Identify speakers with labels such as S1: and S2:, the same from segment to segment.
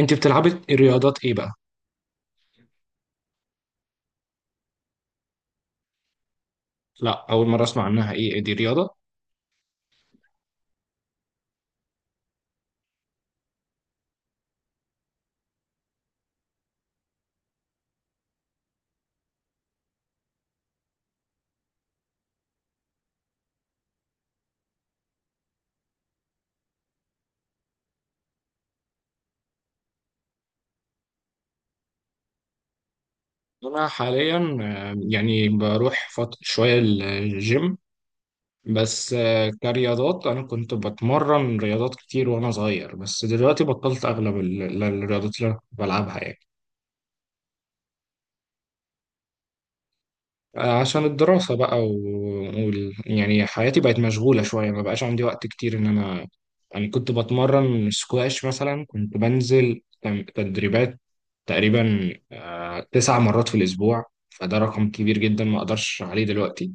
S1: انت بتلعبي الرياضات ايه بقى؟ لا، اول مره اسمع عنها. ايه دي رياضه؟ انا حاليا بروح شويه الجيم. بس كرياضات انا كنت بتمرن رياضات كتير وانا صغير، بس دلوقتي بطلت اغلب الرياضات اللي أنا بلعبها يعني. عشان الدراسة بقى يعني حياتي بقت مشغولة شوية، ما بقاش عندي وقت كتير إن أنا يعني كنت بتمرن سكواش مثلا. كنت بنزل تدريبات تقريبا تسع مرات في الأسبوع. فده رقم كبير جدا، ما أقدرش عليه دلوقتي.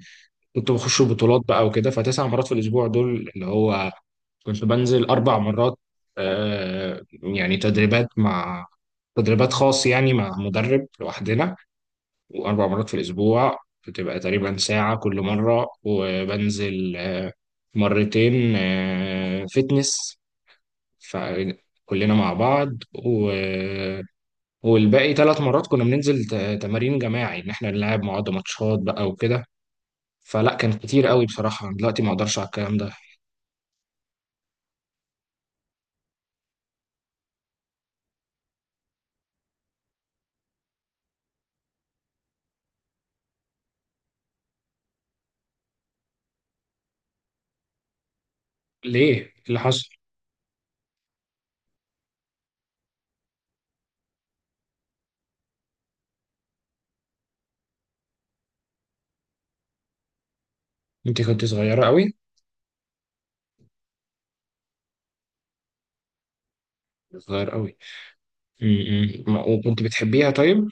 S1: كنت بخش بطولات بقى وكده. فتسع مرات في الأسبوع دول اللي هو كنت بنزل أربع مرات يعني تدريبات خاص يعني مع مدرب لوحدنا. وأربع مرات في الأسبوع بتبقى تقريبا ساعة كل مرة، وبنزل مرتين فتنس فكلنا مع بعض، و... آه، والباقي ثلاث مرات كنا بننزل تمارين جماعي إن إحنا نلعب مع بعض ماتشات بقى وكده. فلا كان كتير قوي بصراحة، دلوقتي ما أقدرش على الكلام ده. ليه؟ إيه اللي حصل؟ أنت كنت صغيرة قوي؟ صغير قوي. م- م. وكنت بتحبيها طيب؟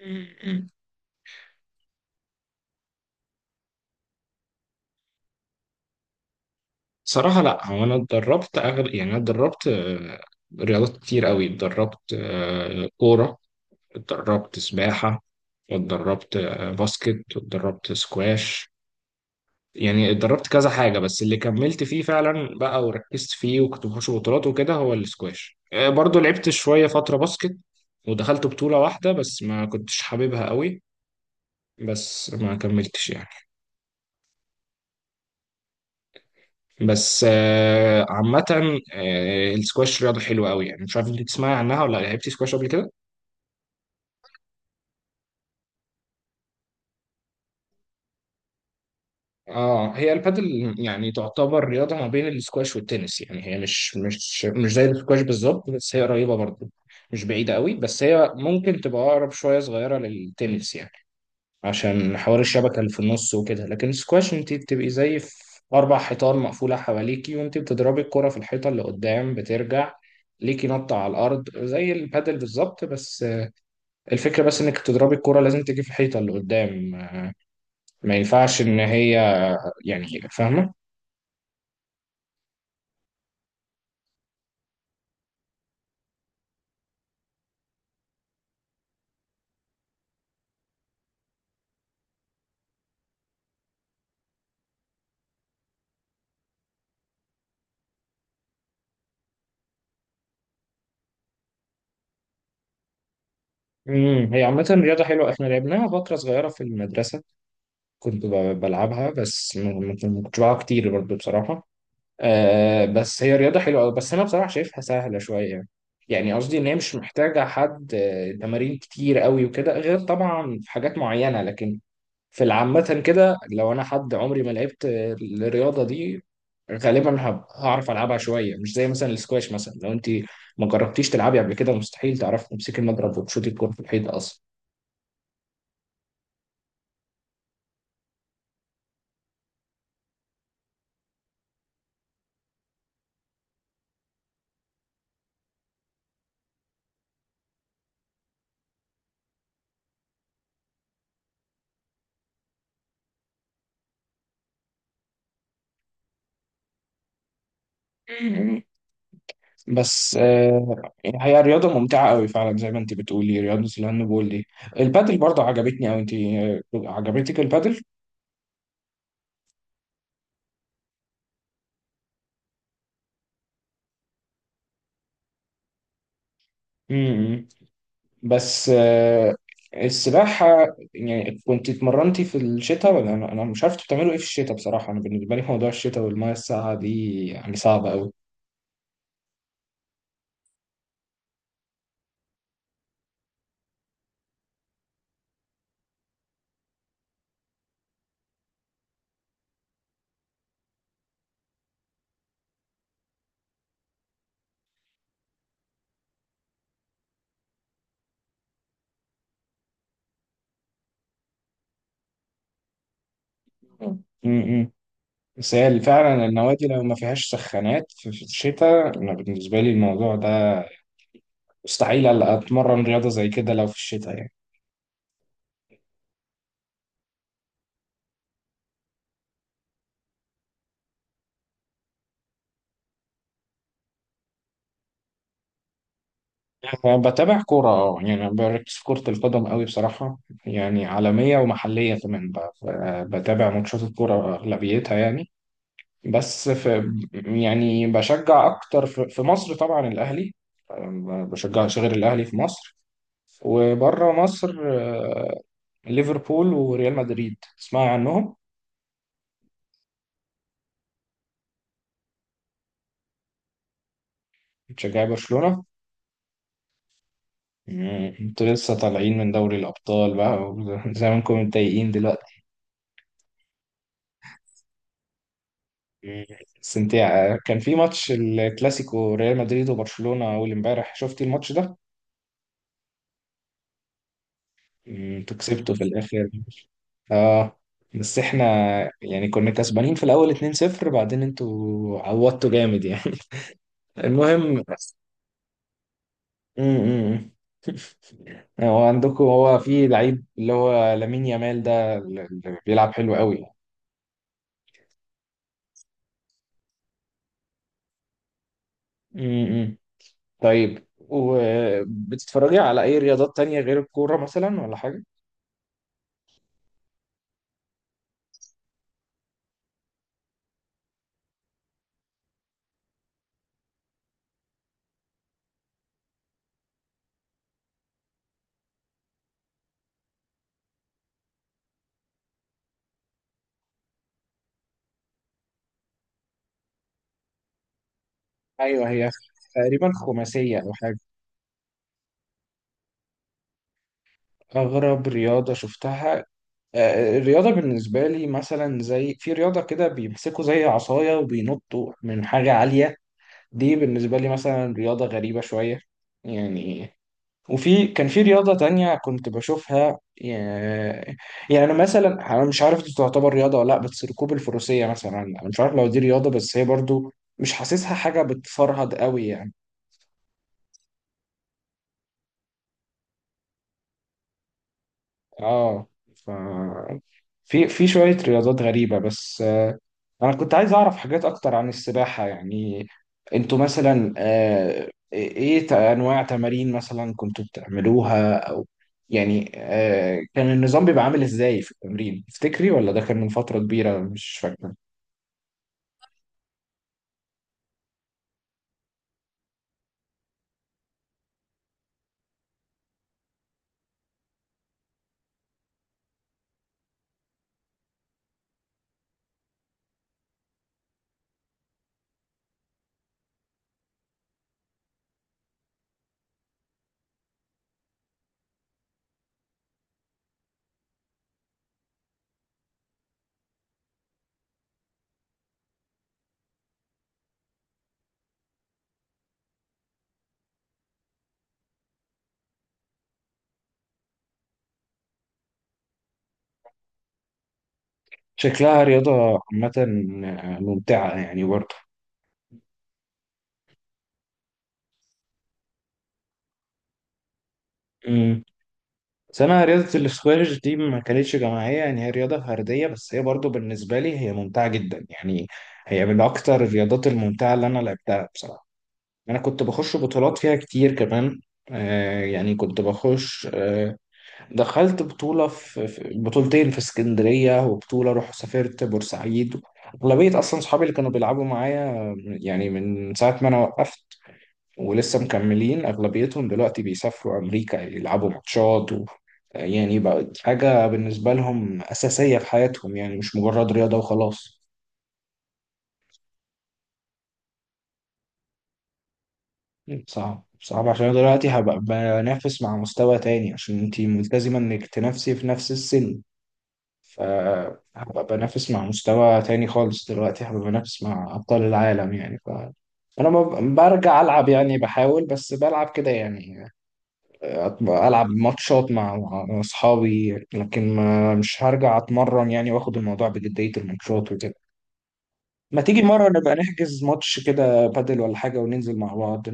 S1: م- م. صراحة لا، هو انا اتدربت يعني انا اتدربت رياضات كتير قوي. اتدربت كورة، اتدربت سباحة، واتدربت باسكت، واتدربت سكواش. يعني اتدربت كذا حاجة، بس اللي كملت فيه فعلا بقى وركزت فيه وكنت بخش بطولات وكده هو السكواش. برضو لعبت شوية فترة باسكت، ودخلت بطولة واحدة بس ما كنتش حاببها قوي، بس ما كملتش يعني. بس عامة السكواش رياضة حلوة قوي يعني. مش عارف انت تسمعي عنها، ولا لعبتي سكواش قبل كده؟ اه، هي البادل يعني تعتبر رياضة ما بين السكواش والتنس يعني. هي مش زي السكواش بالظبط، بس هي قريبة برضه، مش بعيدة قوي. بس هي ممكن تبقى أقرب شوية صغيرة للتنس يعني، عشان حوار الشبكة اللي في النص وكده. لكن السكواش انت بتبقي زي في أربع حيطان مقفولة حواليكي، وانت بتضربي الكرة في الحيطة اللي قدام، بترجع ليكي نط على الأرض زي البادل بالظبط. بس الفكرة بس انك تضربي الكرة لازم تيجي في الحيطة اللي قدام، ما ينفعش ان هي يعني. هي فاهمة. امم، هي عامة رياضة حلوة. احنا لعبناها فترة صغيرة في المدرسة، كنت بلعبها، بس ما كنتش بلعبها كتير برضه بصراحة. آه، بس هي رياضة حلوة أوي، بس انا بصراحة شايفها سهلة شوية يعني. يعني قصدي ان هي مش محتاجة حد تمارين كتير قوي وكده، غير طبعا في حاجات معينة. لكن في العامة كده، لو أنا حد عمري ما لعبت الرياضة دي، غالبا هعرف ألعبها شوية. مش زي مثلا السكواش، مثلا لو أنت ما جربتيش تلعبي قبل كده، مستحيل تعرفي تمسكي المضرب وتشوطي الكورة في الحيط أصلا. مم. بس هي رياضة ممتعة قوي فعلا زي ما أنت بتقولي، رياضة الهاندبول دي. البادل برضه عجبتني أوي. أنت عجبتك البادل؟ مم. بس السباحة يعني كنت اتمرنتي في الشتاء، ولا أنا مش عارف انتوا بتعملوا إيه في الشتاء؟ بصراحة أنا بالنسبة لي موضوع الشتاء والمية الساقعة دي يعني صعبة أوي. امم. بس هي فعلا النوادي لو ما فيهاش سخانات في الشتاء، أنا بالنسبة لي الموضوع ده مستحيل ألا أتمرن رياضة زي كده لو في الشتاء يعني. أنا بتابع كورة، أه يعني أنا بركز في كرة القدم أوي بصراحة. يعني عالمية ومحلية كمان، بتابع ماتشات الكورة أغلبيتها يعني. بس في يعني بشجع اكتر في مصر طبعا الاهلي، ما بشجعش غير الاهلي في مصر. وبره مصر ليفربول وريال مدريد، تسمع عنهم؟ بتشجعي برشلونة. مم، انتوا لسه طالعين من دوري الابطال بقى زي ما انكم متضايقين دلوقتي. مم. بس انت كان في ماتش الكلاسيكو ريال مدريد وبرشلونة اول امبارح، شفتي الماتش ده؟ مم، انتوا كسبتوا في الاخر. اه، بس احنا يعني كنا كسبانين في الاول 2-0، بعدين انتوا عوضتوا جامد يعني. المهم. امم. هو عندكم هو في لعيب اللي هو لامين يامال ده، اللي بيلعب حلو قوي. امم. طيب، وبتتفرجي على اي رياضات تانية غير الكورة مثلا، ولا حاجة؟ ايوه، هي تقريبا خماسية او حاجة. اغرب رياضة شفتها الرياضة بالنسبة لي، مثلا زي في رياضة كده بيمسكوا زي عصاية وبينطوا من حاجة عالية، دي بالنسبة لي مثلا رياضة غريبة شوية يعني. وفي كان في رياضة تانية كنت بشوفها يعني، يعني مثلا أنا مش عارف دي تعتبر رياضة ولا لأ، بس ركوب الفروسية مثلا، أنا مش عارف لو دي رياضة، بس هي برضو مش حاسسها حاجة بتفرهد قوي يعني. اه ف في شوية رياضات غريبة. بس أنا كنت عايز أعرف حاجات أكتر عن السباحة يعني. أنتوا مثلا أنواع تمارين مثلا كنتوا بتعملوها، أو يعني كان النظام بيبقى عامل إزاي في التمرين تفتكري، ولا ده كان من فترة كبيرة مش فاكرة؟ شكلها رياضة عامة ممتعة يعني برضه. امم. بس أنا رياضة الاسكواش دي ما كانتش جماعية، يعني هي رياضة فردية، بس هي برضه بالنسبة لي هي ممتعة جدا يعني. هي من أكتر الرياضات الممتعة اللي أنا لعبتها بصراحة. انا كنت بخش بطولات فيها كتير كمان. آه يعني كنت بخش آه، دخلت بطولة بطولتين في اسكندرية، وبطولة رحت سافرت بورسعيد. أغلبية أصلا صحابي اللي كانوا بيلعبوا معايا يعني من ساعة ما أنا وقفت ولسه مكملين أغلبيتهم، دلوقتي بيسافروا أمريكا يلعبوا ماتشات، و آه، يعني بقت حاجة بالنسبة لهم أساسية في حياتهم، يعني مش مجرد رياضة وخلاص. صعب، صعب، عشان أنا دلوقتي هبقى بنافس مع مستوى تاني، عشان انتي ملتزمة انك تنافسي في نفس السن. فهبقى بنافس مع مستوى تاني خالص دلوقتي، هبقى بنافس مع أبطال العالم يعني. ف أنا برجع ألعب يعني، بحاول بس بلعب كده يعني، ألعب ماتشات مع أصحابي، لكن ما مش هرجع أتمرن يعني وآخد الموضوع بجدية، الماتشات وكده. ما تيجي مرة نبقى نحجز ماتش كده بادل ولا حاجة، وننزل مع بعض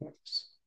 S1: نلعب.